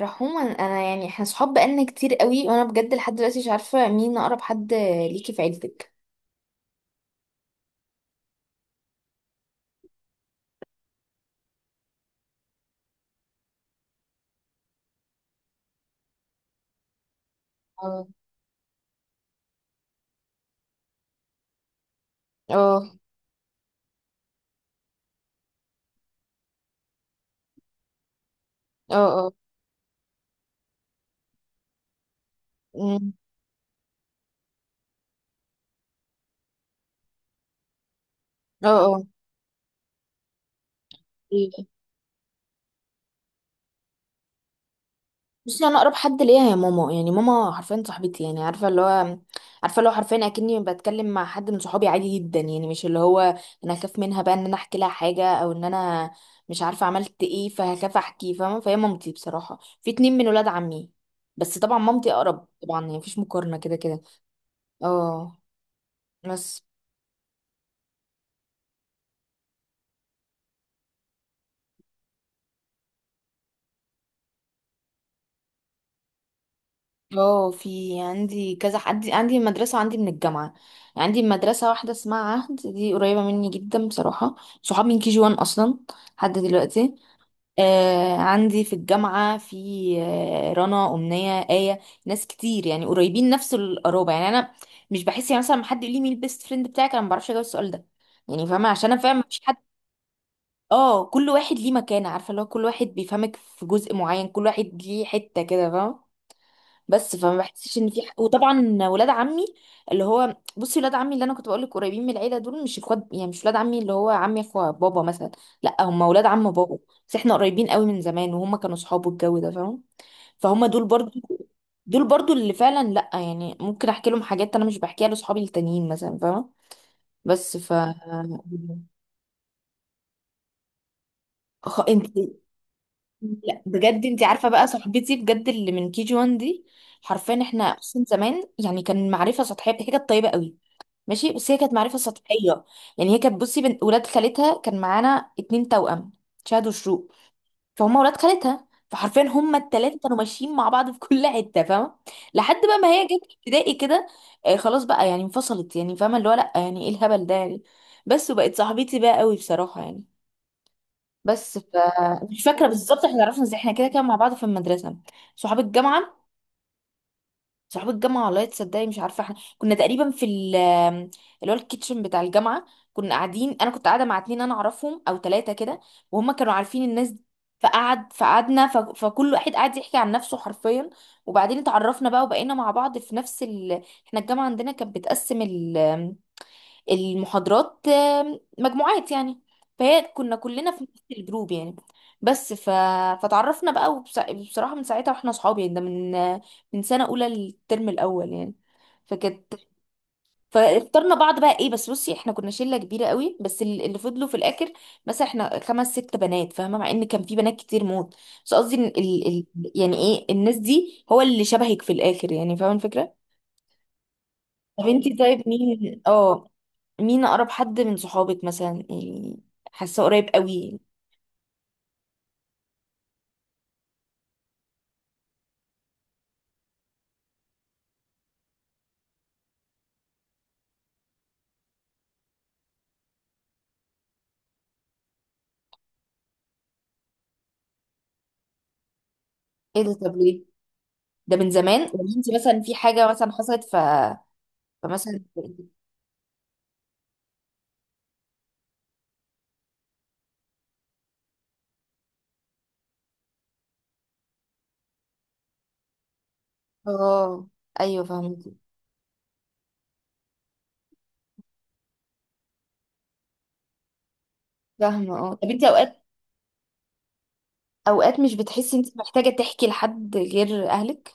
رحوما، انا يعني احنا صحاب بقالنا كتير قوي، وانا بجد لحد دلوقتي مش عارفه مين اقرب حد ليكي في عيلتك. اه. اه. اه. اه. أمم. اه. اه. إيه. بصي، انا اقرب حد ليا هي ماما. يعني ماما حرفيا صاحبتي، يعني عارفه اللي هو حرفيا اكني بتكلم مع حد من صحابي عادي جدا. يعني مش اللي هو انا اخاف منها بقى ان انا احكي لها حاجه، او ان انا مش عارفه عملت ايه فهخاف احكي، فاهمه؟ فهي مامتي. بصراحه في اتنين من ولاد عمي، بس طبعا مامتي اقرب طبعا، يعني مفيش مقارنه كده كده. اه. بس. اه، في عندي كذا حد، عندي عندي مدرسة وعندي من الجامعة. يعني عندي مدرسة واحدة اسمها عهد، دي قريبة مني جدا بصراحة. صحاب من كي جي وان أصلا، لحد دلوقتي. آه، عندي في الجامعة في آه، رنا، أمنية، آية. ناس كتير يعني قريبين نفس القرابة. يعني أنا مش بحس، يعني مثلا لما حد يقول لي مين البيست فريند بتاعك، أنا ما بعرفش أجاوب السؤال ده. يعني فاهمة، عشان أنا فاهمة مفيش حد. اه، كل واحد ليه مكانة. عارفة اللي هو كل واحد بيفهمك في جزء معين، كل واحد ليه حتة كده، فاهمة؟ بس فما بحسش ان في حق. وطبعا ولاد عمي، اللي هو بصي ولاد عمي اللي انا كنت بقول لك قريبين من العيله، دول مش اخوات، يعني مش ولاد عمي اللي هو عمي اخو بابا مثلا، لا هم ولاد عم بابا. بس احنا قريبين قوي من زمان، وهم كانوا صحابه، الجو ده فاهم؟ فهم دول برضو، دول برضو اللي فعلا لا يعني ممكن احكي لهم حاجات انا مش بحكيها لاصحابي التانيين مثلا، فاهمه؟ بس ف انت. لا بجد، انت عارفه بقى صاحبتي بجد اللي من كي جي 1 دي، حرفيا احنا اصلا زمان يعني كان معرفه سطحيه حاجه طيبه قوي. ماشي؟ بس هي كانت معرفة سطحية. يعني هي كانت بصي بنت ولاد خالتها، كان معانا اتنين توأم، شهد وشروق. فهم ولاد خالتها، فحرفيا هما التلاتة كانوا ماشيين مع بعض في كل حتة، فاهمة؟ لحد بقى ما هي جت ابتدائي كده. آه، خلاص بقى يعني انفصلت، يعني فاهمة اللي هو لأ يعني ايه الهبل ده يعني؟ بس وبقت صاحبتي بقى قوي بصراحة يعني. بس ف. مش فاكرة بالظبط احنا عرفنا ازاي، احنا كده كده مع بعض في المدرسة. صحاب الجامعة؟ صحاب الجامعة والله تصدقي مش عارفة. احنا كنا تقريبا في ال... اللي هو الكيتشن بتاع الجامعة، كنا قاعدين، انا كنت قاعدة مع اتنين انا اعرفهم او تلاتة كده، وهم كانوا عارفين الناس دي. فقعدنا فكل واحد قعد يحكي عن نفسه حرفيا، وبعدين اتعرفنا بقى وبقينا مع بعض في نفس ال... احنا الجامعة عندنا كانت بتقسم المحاضرات مجموعات يعني، فهي كنا كلنا في نفس الجروب يعني. بس ف... فتعرفنا بقى بصراحة من ساعتها واحنا صحاب، يعني ده من من سنة أولى للترم الأول يعني. فكانت، فاخترنا بعض بقى ايه. بس بصي احنا كنا شلة كبيرة قوي، بس اللي فضلوا في الآخر مثلا احنا خمس ست بنات، فاهمة؟ مع ان كان في بنات كتير موت، بس قصدي إن يعني ايه الناس دي هو اللي شبهك في الآخر، يعني فاهمة الفكرة؟ طب انتي طيب مين، اه مين اقرب حد من صحابك مثلا يعني؟ حاسه قريب قوي. ايه ده؟ طب ليه؟ ده من زمان ولا انت مثلا في حاجه مثلا حصلت؟ ف فمثلا. اه، ايوه فاهمه. فاهمه اه. طب انت اوقات، اوقات مش بتحسي انت محتاجه تحكي لحد غير اهلك؟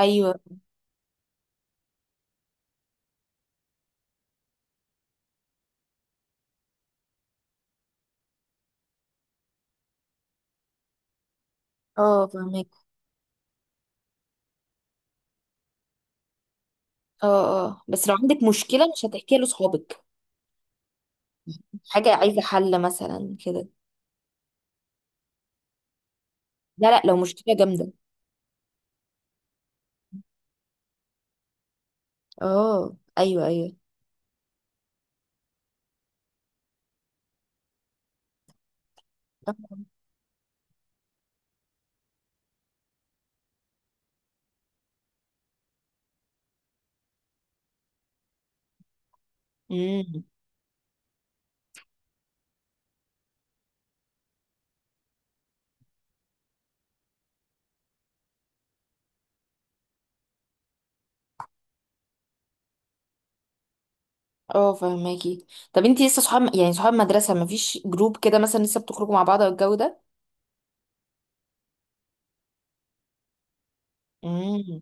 ايوه. اه فاهمك. اه اه، بس لو عندك مشكله مش هتحكيها لاصحابك؟ حاجه عايزه حل مثلا كده؟ لا لا، لو مشكله جامده. اه ايوه. ايوه. اه فهماكي. طب انتي لسه صحاب، يعني صحاب مدرسة؟ مفيش جروب كده مثلا لسه بتخرجوا مع بعض او الجو ده؟ امم.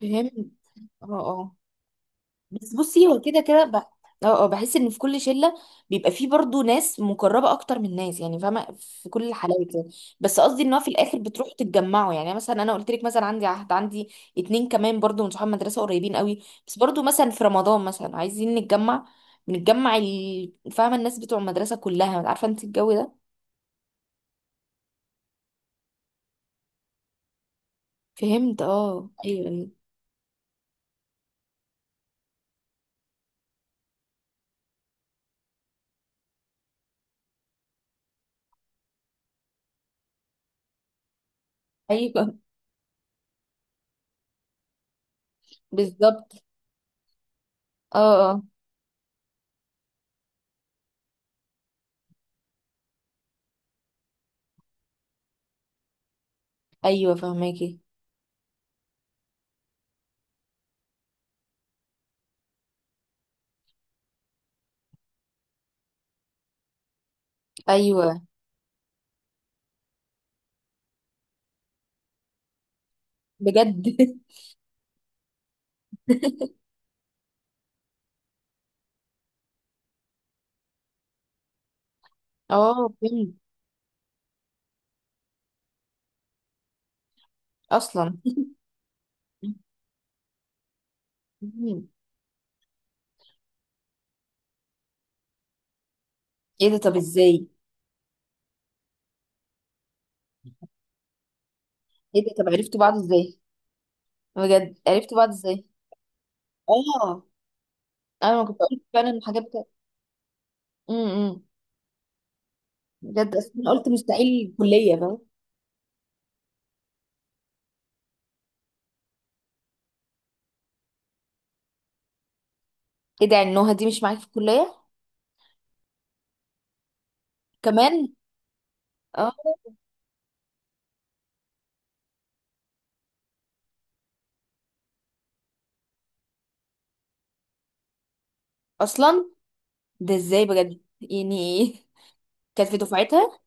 فهمت. اه. اه، بس بصي هو كده كده اه، اه بحس ان في كل شلة بيبقى فيه برضو ناس مقربة اكتر من ناس، يعني فاهمة؟ في كل الحالات يعني. بس قصدي ان هو في الاخر بتروحوا تتجمعوا، يعني مثلا انا قلت لك مثلا عندي عهد، عندي اتنين كمان برضو من صحاب مدرسة قريبين قوي، بس برضو مثلا في رمضان مثلا عايزين نتجمع، بنتجمع فاهمة؟ الناس بتوع المدرسة كلها، عارفة انت الجو ده. فهمت. اه ايوه. ايوه. بالظبط. اه اه. ايوه فهماكي. ايوه بجد. اه فهمت. اصلا. مم. ايه ده؟ طب ازاي؟ ايه ده؟ طب عرفتوا بعض ازاي؟ بجد عرفتوا بعض ازاي؟ اه انا ما كنت قلت فعلا الحاجات بتاعت. امم. بجد اصلا أنا قلت مستحيل الكليه، فاهم؟ ايه ده؟ يعني نهى دي مش معاك في الكليه كمان؟ اه اصلا. ده ازاي بجد يعني؟ ايه؟ كانت في دفعتها.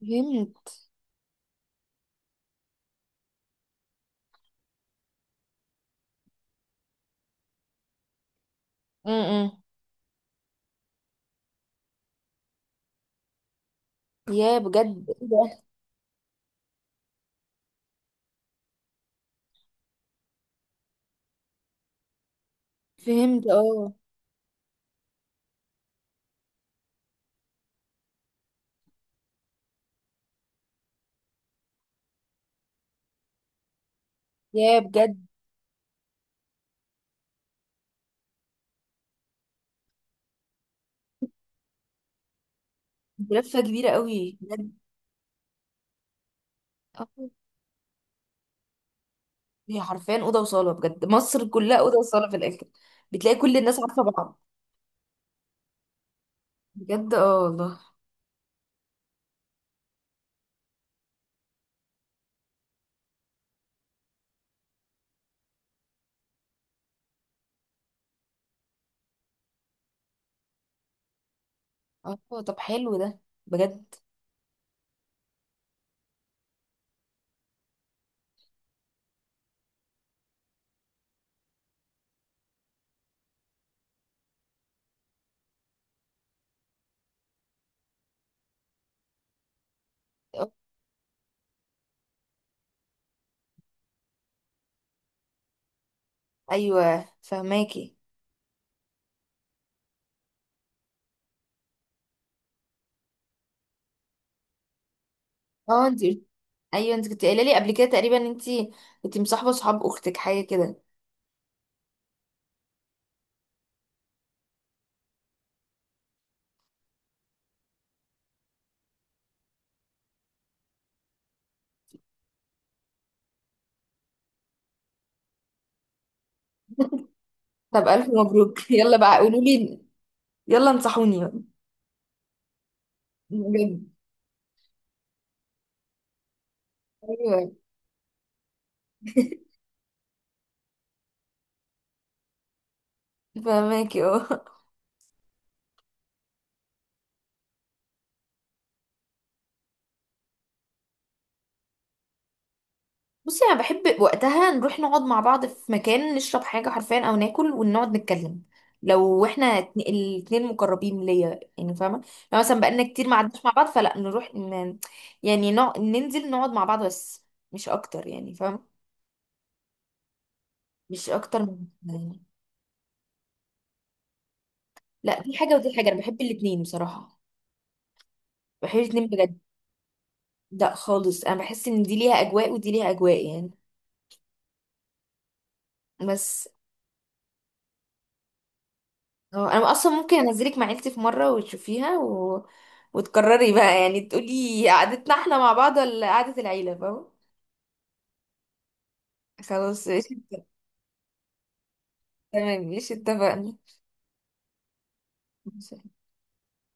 فهمت. امم. يا بجد. فهمت اه. يا بجد. لفة كبيرة قوي بجد. اه. هي حرفيا أوضة وصالة، بجد مصر كلها أوضة وصالة في الآخر، بتلاقي كل الناس عارفة بعض. بجد اه والله. اه طب حلو ده، بجد. آه، أيوه فهماكي. اه انت، أيوه انت كنت قايلة لي قبل كده تقريبا ان انت كنت مصاحبة صحاب أختك حاجة كده. طب ألف مبروك. يلا بقى قولوا لي، يلا انصحوني بقى. بجد. أيوه. فهماكي اه. بصي انا بحب وقتها نروح نقعد مع بعض في مكان، نشرب حاجه حرفيا او ناكل ونقعد نتكلم، لو احنا الاتنين مقربين ليا، يعني فاهمه؟ لو مثلا بقالنا كتير ما قعدناش مع بعض فلا نروح يعني ننزل نقعد مع بعض بس، مش اكتر يعني، فاهمه؟ مش اكتر من يعني. لا دي حاجه ودي حاجه، انا بحب الاتنين بصراحه، بحب الاتنين بجد. لا خالص، انا بحس ان دي ليها اجواء ودي ليها اجواء يعني. بس اه، انا اصلا ممكن انزلك مع عيلتي في مره وتشوفيها و... وتكرري بقى، يعني تقولي قعدتنا احنا مع بعض ولا قعده العيله، فاهم؟ خلاص ايش. تمام ايش، اتفقنا.